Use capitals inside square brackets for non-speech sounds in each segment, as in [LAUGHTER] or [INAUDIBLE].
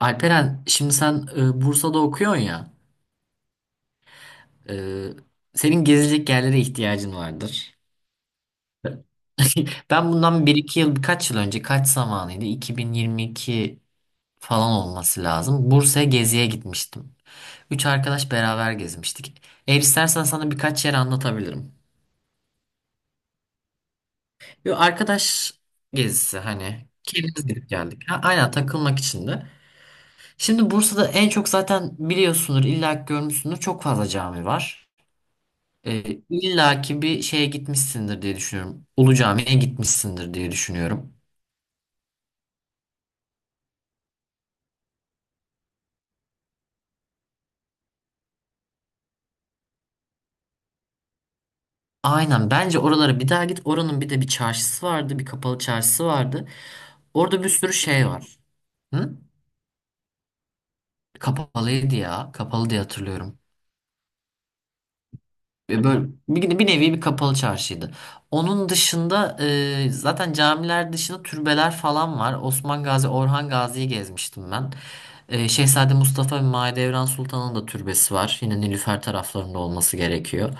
Alperen, şimdi sen Bursa'da okuyorsun ya. e, Senin gezecek yerlere ihtiyacın vardır. [LAUGHS] Ben bundan bir iki yıl, birkaç yıl önce, kaç zamanıydı? 2022 falan olması lazım. Bursa'ya geziye gitmiştim. Üç arkadaş beraber gezmiştik. Eğer istersen sana birkaç yer anlatabilirim. Bir arkadaş gezisi hani. Kendimiz gidip geldik. Ha, aynen takılmak için de. Şimdi Bursa'da en çok zaten biliyorsundur, illa ki görmüşsündür. Çok fazla cami var. E, illa ki bir şeye gitmişsindir diye düşünüyorum. Ulu Cami'ye gitmişsindir diye düşünüyorum. Aynen bence oralara bir daha git. Oranın bir de bir çarşısı vardı. Bir kapalı çarşısı vardı. Orada bir sürü şey var. Hı? Kapalıydı ya. Kapalı diye hatırlıyorum. Böyle bir, bir nevi bir kapalı çarşıydı. Onun dışında zaten camiler dışında türbeler falan var. Osman Gazi, Orhan Gazi'yi gezmiştim ben. Şehzade Mustafa ve Mahidevran Sultan'ın da türbesi var. Yine Nilüfer taraflarında olması gerekiyor.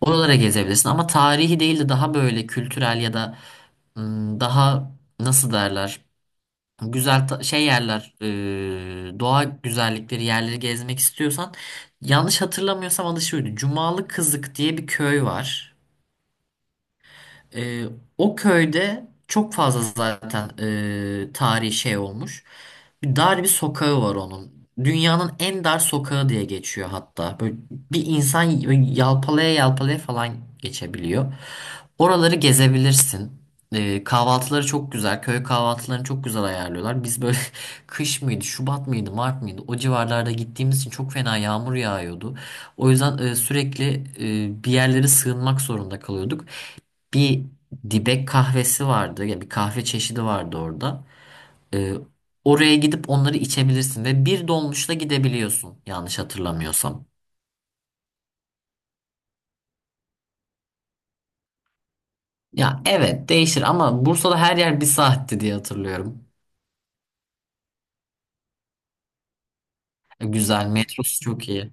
Oralara gezebilirsin ama tarihi değil de daha böyle kültürel ya da daha nasıl derler? Güzel şey yerler, doğa güzellikleri yerleri gezmek istiyorsan yanlış hatırlamıyorsam adı şuydu. Cumalı Kızık diye bir köy var. Ee, O köyde çok fazla zaten tarihi şey olmuş. Bir dar bir sokağı var onun. Dünyanın en dar sokağı diye geçiyor hatta. Böyle bir insan yalpalaya yalpalaya falan geçebiliyor. Oraları gezebilirsin. Kahvaltıları çok güzel. Köy kahvaltılarını çok güzel ayarlıyorlar. Biz böyle [LAUGHS] kış mıydı, Şubat mıydı, Mart mıydı? O civarlarda gittiğimiz için çok fena yağmur yağıyordu. O yüzden sürekli bir yerlere sığınmak zorunda kalıyorduk bir dibek kahvesi vardı ya bir kahve çeşidi vardı orada. Ee, Oraya gidip onları içebilirsin ve bir dolmuşla gidebiliyorsun yanlış hatırlamıyorsam. Ya evet değişir ama Bursa'da her yer bir saatti diye hatırlıyorum. Güzel metrosu çok iyi.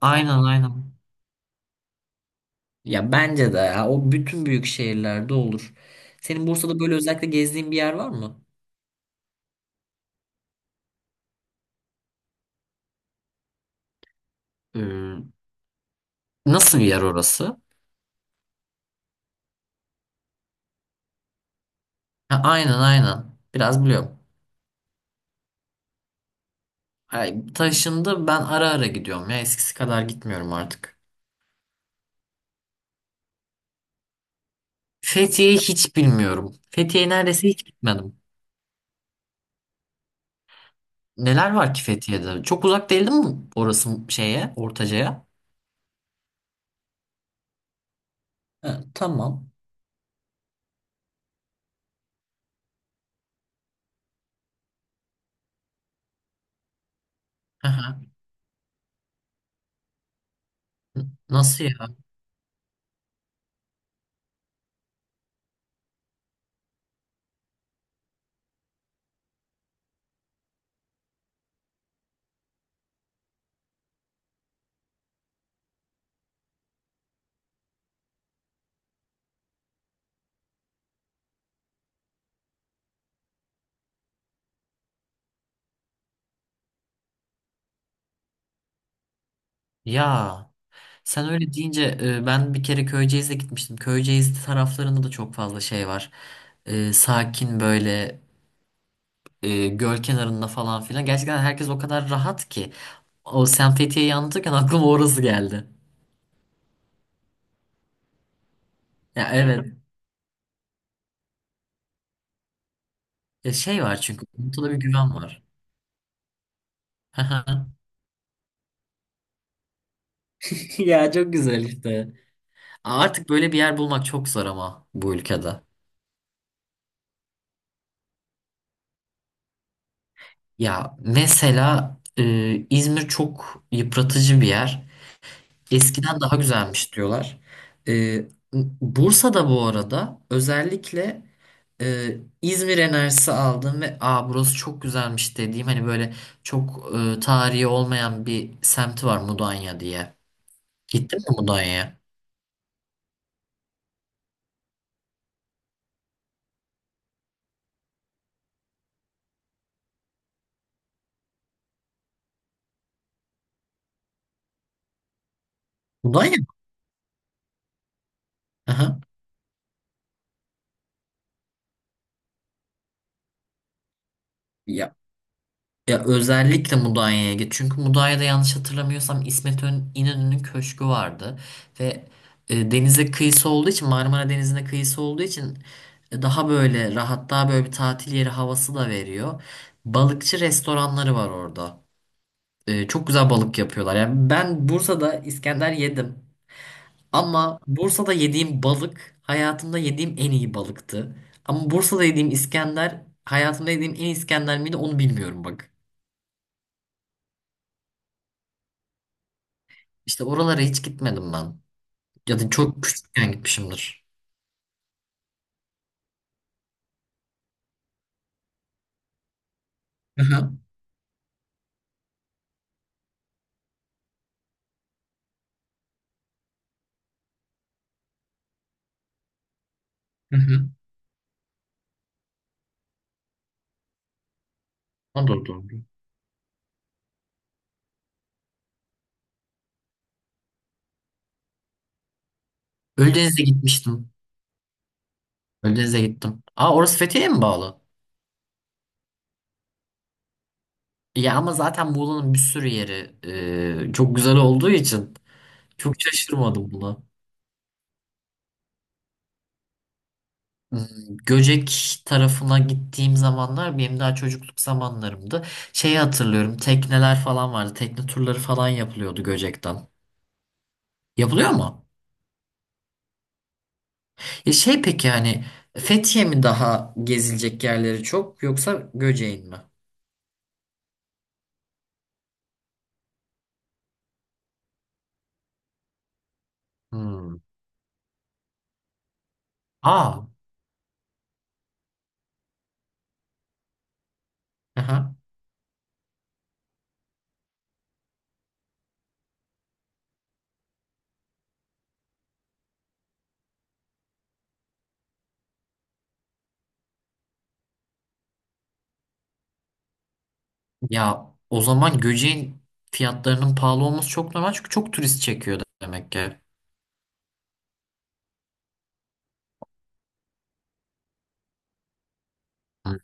Aynen aynen. Ya bence de ya, o bütün büyük şehirlerde olur. Senin Bursa'da böyle özellikle gezdiğin bir yer var mı? Ee, Nasıl bir yer orası? Ha, aynen aynen. Biraz biliyorum. Ay, taşındı ben ara ara gidiyorum ya eskisi kadar gitmiyorum artık. Fethiye'yi hiç bilmiyorum. Fethiye'ye neredeyse hiç gitmedim. Neler var ki Fethiye'de? Çok uzak değil değil mi orası şeye, Ortaca'ya? Ha, tamam. Hı hı. Nasıl ya? Ya sen öyle deyince ben bir kere Köyceğiz'e gitmiştim. Köyceğiz taraflarında da çok fazla şey var. Sakin böyle göl kenarında falan filan. Gerçekten herkes o kadar rahat ki. O sen Fethiye'yi anlatırken aklıma orası geldi. Ya evet. Ya şey var çünkü. Ortada bir güven var. [LAUGHS] Ya çok güzel işte. Artık böyle bir yer bulmak çok zor ama bu ülkede. Ya mesela İzmir çok yıpratıcı bir yer. Eskiden daha güzelmiş diyorlar. E, Bursa'da bu arada özellikle İzmir enerjisi aldım ve aa burası çok güzelmiş dediğim hani böyle çok tarihi olmayan bir semti var Mudanya diye. Gittin mi Mudanya'ya? Mudanya mı? Ya, ya özellikle Mudanya'ya git. Çünkü Mudanya'da yanlış hatırlamıyorsam İnönü'nün köşkü vardı. Ve denize kıyısı olduğu için Marmara Denizi'ne kıyısı olduğu için daha böyle rahat daha böyle bir tatil yeri havası da veriyor. Balıkçı restoranları var orada. Çok güzel balık yapıyorlar. Yani ben Bursa'da İskender yedim. Ama Bursa'da yediğim balık hayatımda yediğim en iyi balıktı. Ama Bursa'da yediğim İskender hayatımda yediğim en iyi İskender miydi onu bilmiyorum bak. İşte oralara hiç gitmedim ben. Ya da çok küçükken gitmişimdir. Hı hı. Hı hı. Doğru doğru. Ölüdeniz'e gitmiştim. Ölüdeniz'e gittim. Aa orası Fethiye'ye mi bağlı? Ya ama zaten Muğla'nın bir sürü yeri çok güzel olduğu için çok şaşırmadım buna. Hmm, Göcek tarafına gittiğim zamanlar benim daha çocukluk zamanlarımdı. Şeyi hatırlıyorum tekneler falan vardı. Tekne turları falan yapılıyordu Göcek'ten. Yapılıyor mu? E şey peki yani Fethiye mi daha gezilecek yerleri çok yoksa Göcek'in mi? Hmm. Aa, aha. Ya o zaman Göcek'in fiyatlarının pahalı olması çok normal çünkü çok turist çekiyor demek ki. Hı.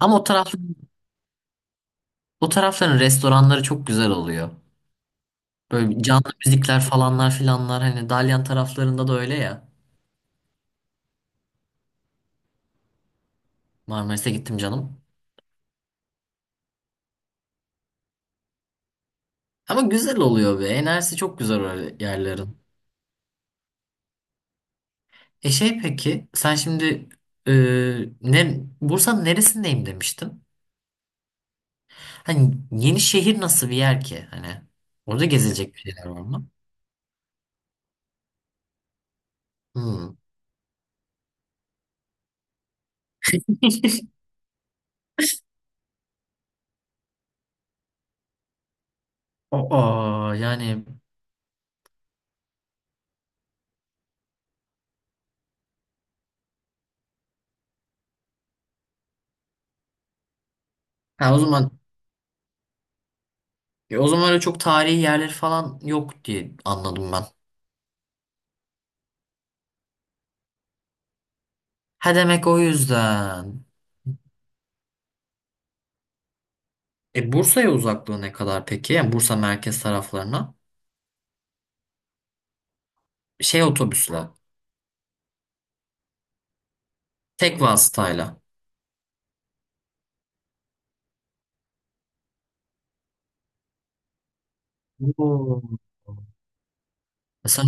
Ama o tarafların restoranları çok güzel oluyor. Böyle canlı müzikler falanlar filanlar hani Dalyan taraflarında da öyle ya. Marmaris'e gittim canım. Ama güzel oluyor be. Enerjisi çok güzel öyle yerlerin. E şey peki sen şimdi e, Bursa'nın neresindeyim demiştin? Hani yeni şehir nasıl bir yer ki? Hani orada gezilecek bir şeyler var mı? Hmm. [LAUGHS] Aa, yani ha, o zaman o zaman öyle çok tarihi yerleri falan yok diye anladım ben. Ha demek o yüzden. E Bursa'ya uzaklığı ne kadar peki? Yani Bursa merkez taraflarına şey otobüsle, tek vasıtayla. Oo. E, Sen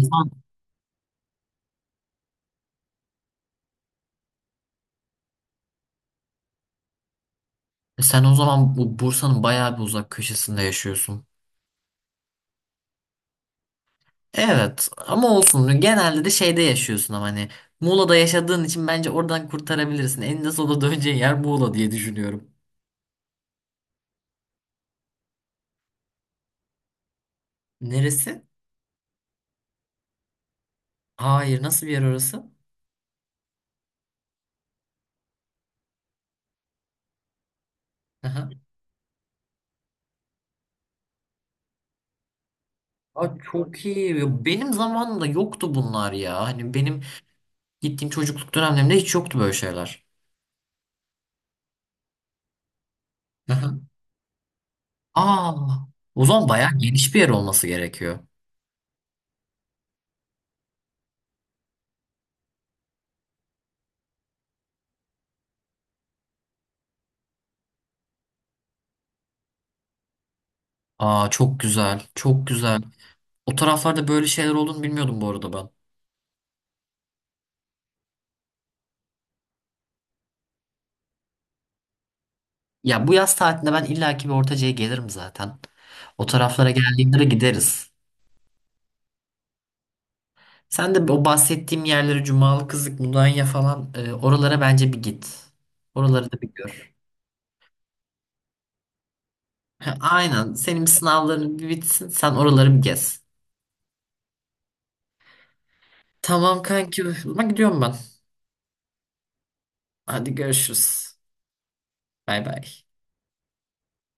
Sen o zaman bu Bursa'nın bayağı bir uzak köşesinde yaşıyorsun. Evet ama olsun genelde de şeyde yaşıyorsun ama hani Muğla'da yaşadığın için bence oradan kurtarabilirsin. Eninde sonunda döneceğin yer Muğla diye düşünüyorum. Neresi? Hayır nasıl bir yer orası? Aha. Aa, çok iyi. Ya benim zamanımda yoktu bunlar ya. Hani benim gittiğim çocukluk dönemlerimde hiç yoktu böyle şeyler. Aha. Aa, o zaman bayağı geniş bir yer olması gerekiyor. Aa çok güzel, çok güzel. O taraflarda böyle şeyler olduğunu bilmiyordum bu arada ben. Ya bu yaz tatilinde ben illaki bir Ortaca'ya gelirim zaten. O taraflara tamam. Geldiğimde de gideriz. Sen de o bahsettiğim yerlere Cumalı Kızık, Mudanya falan oralara bence bir git. Oraları da bir gör. Ha, aynen. Senin sınavların bir bitsin. Sen oraları bir gez. Tamam kanki. Ama gidiyorum ben. Hadi görüşürüz. Bay bay.